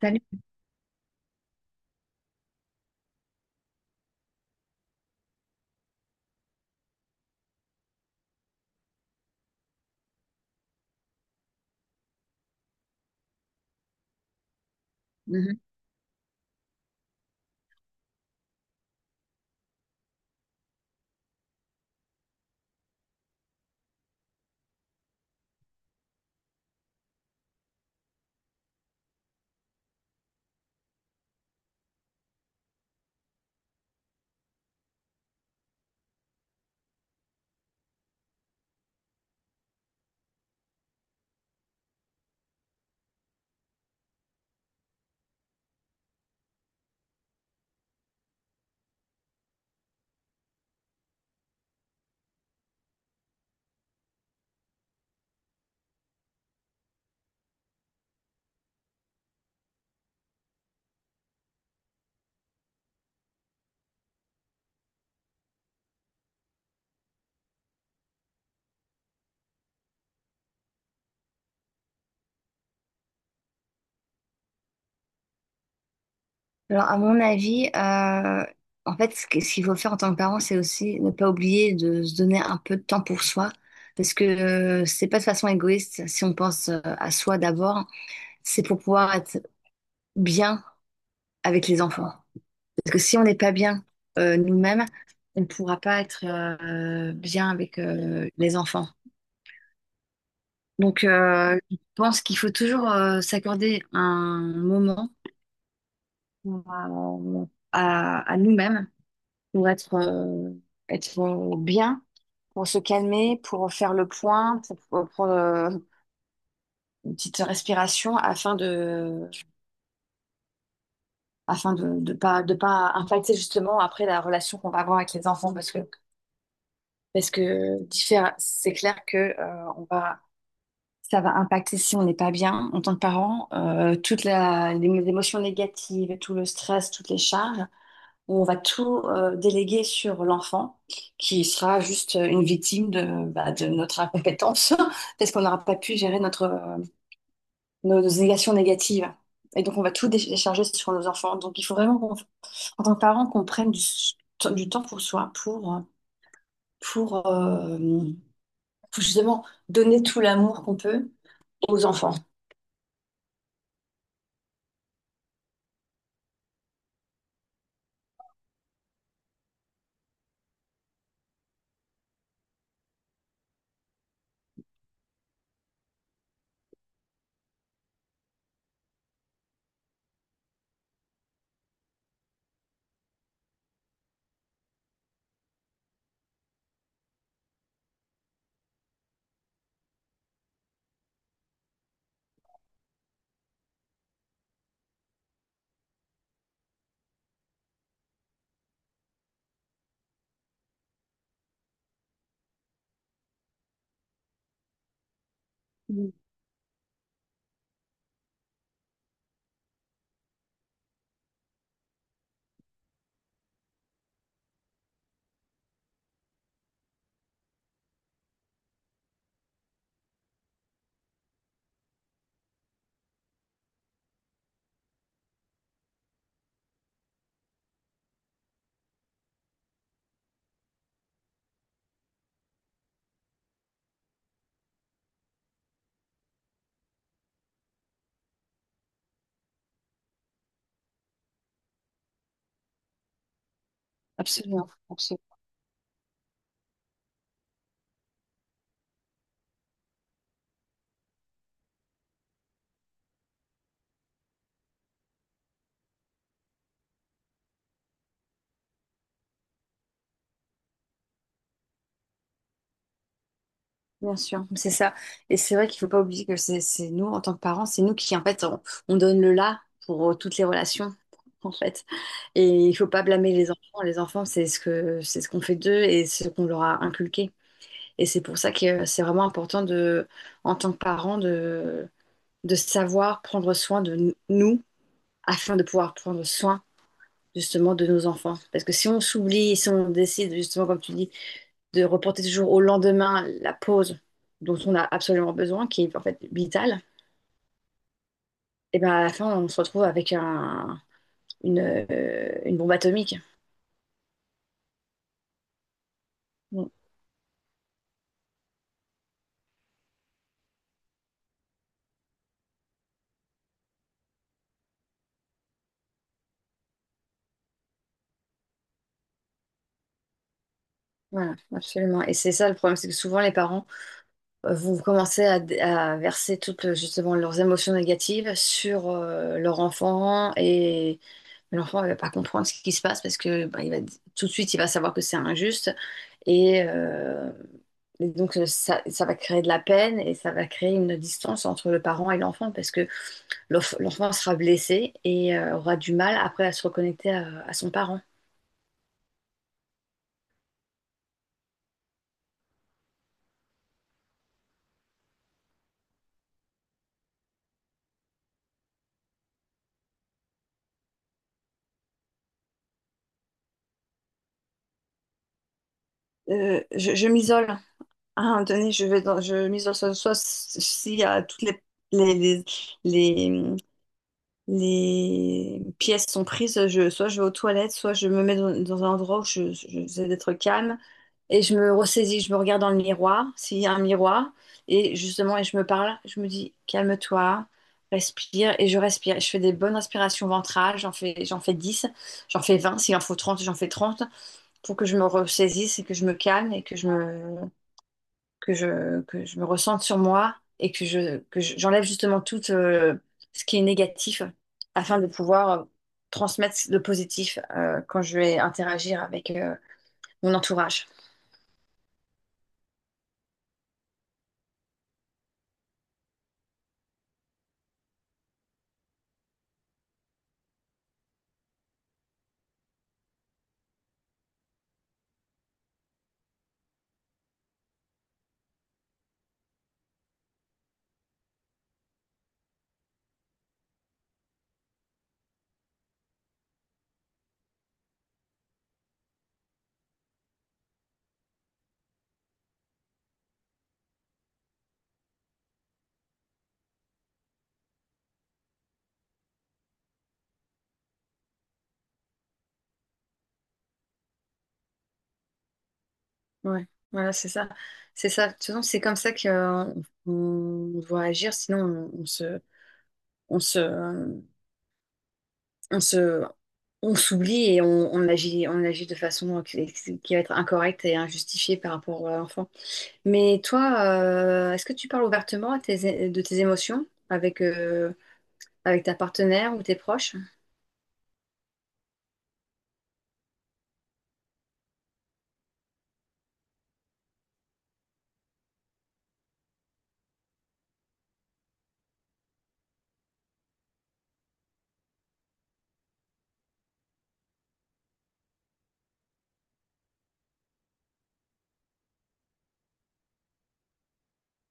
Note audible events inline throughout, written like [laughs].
Salut. Mhm. Alors, à mon avis, en fait, ce qu'il faut faire en tant que parent, c'est aussi ne pas oublier de se donner un peu de temps pour soi. Parce que c'est pas de façon égoïste. Si on pense à soi d'abord, c'est pour pouvoir être bien avec les enfants. Parce que si on n'est pas bien nous-mêmes, on ne pourra pas être bien avec les enfants. Donc, je pense qu'il faut toujours s'accorder un moment pour, à nous-mêmes pour être, être bien, pour se calmer, pour faire le point, pour prendre une petite respiration afin de pas impacter justement après la relation qu'on va avoir avec les enfants parce que c'est clair que on va ça va impacter si on n'est pas bien en tant que parent, les émotions négatives, tout le stress, toutes les charges. Où on va tout déléguer sur l'enfant, qui sera juste une victime de, bah, de notre incompétence, [laughs] parce qu'on n'aura pas pu gérer nos, nos négations négatives. Et donc, on va tout décharger sur nos enfants. Donc, il faut vraiment, en tant que parent, qu'on prenne du temps pour soi, pour, euh, pour justement donner tout l'amour qu'on peut aux enfants. Mm. Absolument, absolument. Bien sûr, c'est ça. Et c'est vrai qu'il faut pas oublier que c'est nous, en tant que parents, c'est nous qui, en fait, on donne le là pour toutes les relations, en fait. Et il faut pas blâmer les enfants. Les enfants, c'est ce c'est ce qu'on fait d'eux et ce qu'on leur a inculqué. Et c'est pour ça que c'est vraiment important de, en tant que parents, de savoir prendre soin de nous afin de pouvoir prendre soin, justement, de nos enfants. Parce que si on s'oublie, si on décide, justement, comme tu dis, de reporter toujours au lendemain la pause dont on a absolument besoin, qui est en fait vitale, et ben à la fin, on se retrouve avec une bombe atomique. Donc, voilà, absolument. Et c'est ça le problème, c'est que souvent les parents vont commencer à verser toutes justement leurs émotions négatives sur leur enfant et l'enfant ne va pas comprendre ce qui se passe parce que bah, tout de suite il va savoir que c'est injuste. Et, euh, et donc, ça, ça va créer de la peine et ça va créer une distance entre le parent et l'enfant parce que l'enfant sera blessé et aura du mal après à se reconnecter à son parent. Je m'isole. À un moment donné, je m'isole soit s'il y a toutes les, les, les, les pièces sont prises, soit je vais aux toilettes, soit je me mets dans un endroit où j'essaie d'être calme. Et je me ressaisis, je me regarde dans le miroir, s'il y a un miroir, et justement, et je me parle, je me dis, calme-toi, respire, et je respire. Je fais des bonnes respirations ventrales, j'en fais 10, j'en fais 20, s'il en faut 30, j'en fais 30, pour que je me ressaisisse et que je me calme et que je me ressente sur moi et que j'enlève justement tout ce qui est négatif afin de pouvoir transmettre le positif quand je vais interagir avec mon entourage. Ouais, voilà, c'est ça. C'est ça. De toute façon, c'est comme ça qu'on doit agir, sinon on se, euh, on se, on s'oublie et on agit de façon qui va être incorrecte et injustifiée par rapport à l'enfant. Mais toi, est-ce que tu parles ouvertement de tes émotions avec, avec ta partenaire ou tes proches?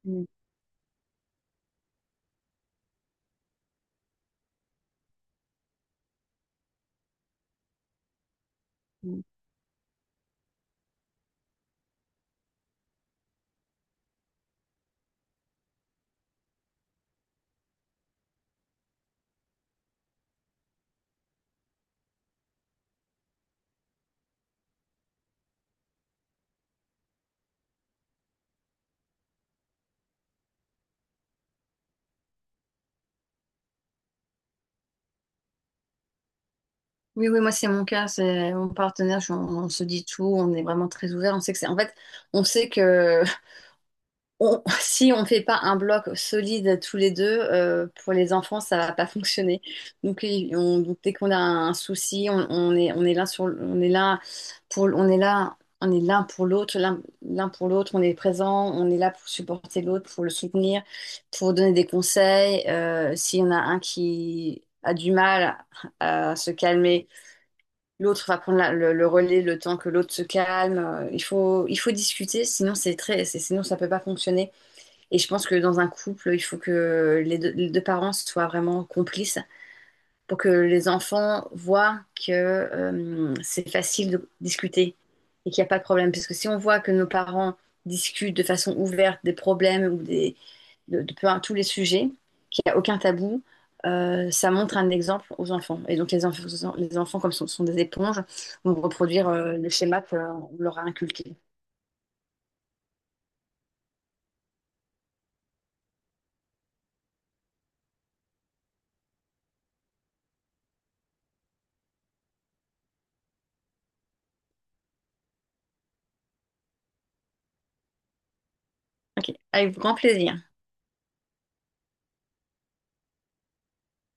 Mm. Oui, oui, moi c'est mon cas, c'est mon partenaire, on se dit tout, on est vraiment très ouvert, on sait que c'est, en fait, on sait que [laughs] si on ne fait pas un bloc solide tous les deux, pour les enfants, ça va pas fonctionner. Donc, donc, dès qu'on a un souci, on est là on est là pour, on est là, on est l'un pour l'autre, l'un pour l'autre, on est présent, on est là pour supporter l'autre, pour le soutenir, pour donner des conseils. S'il y en a un qui a du mal à se calmer, l'autre va prendre le relais le temps que l'autre se calme. Il faut discuter, sinon c'est très, c'est- sinon ça peut pas fonctionner. Et je pense que dans un couple, il faut que les deux parents soient vraiment complices pour que les enfants voient que c'est facile de discuter et qu'il n'y a pas de problème. Parce que si on voit que nos parents discutent de façon ouverte des problèmes de peu, tous les sujets, qu'il n'y a aucun tabou, ça montre un exemple aux enfants. Et donc les enfants comme ce sont, sont des éponges, vont reproduire le schéma qu'on leur a inculqué. Ok, avec grand plaisir.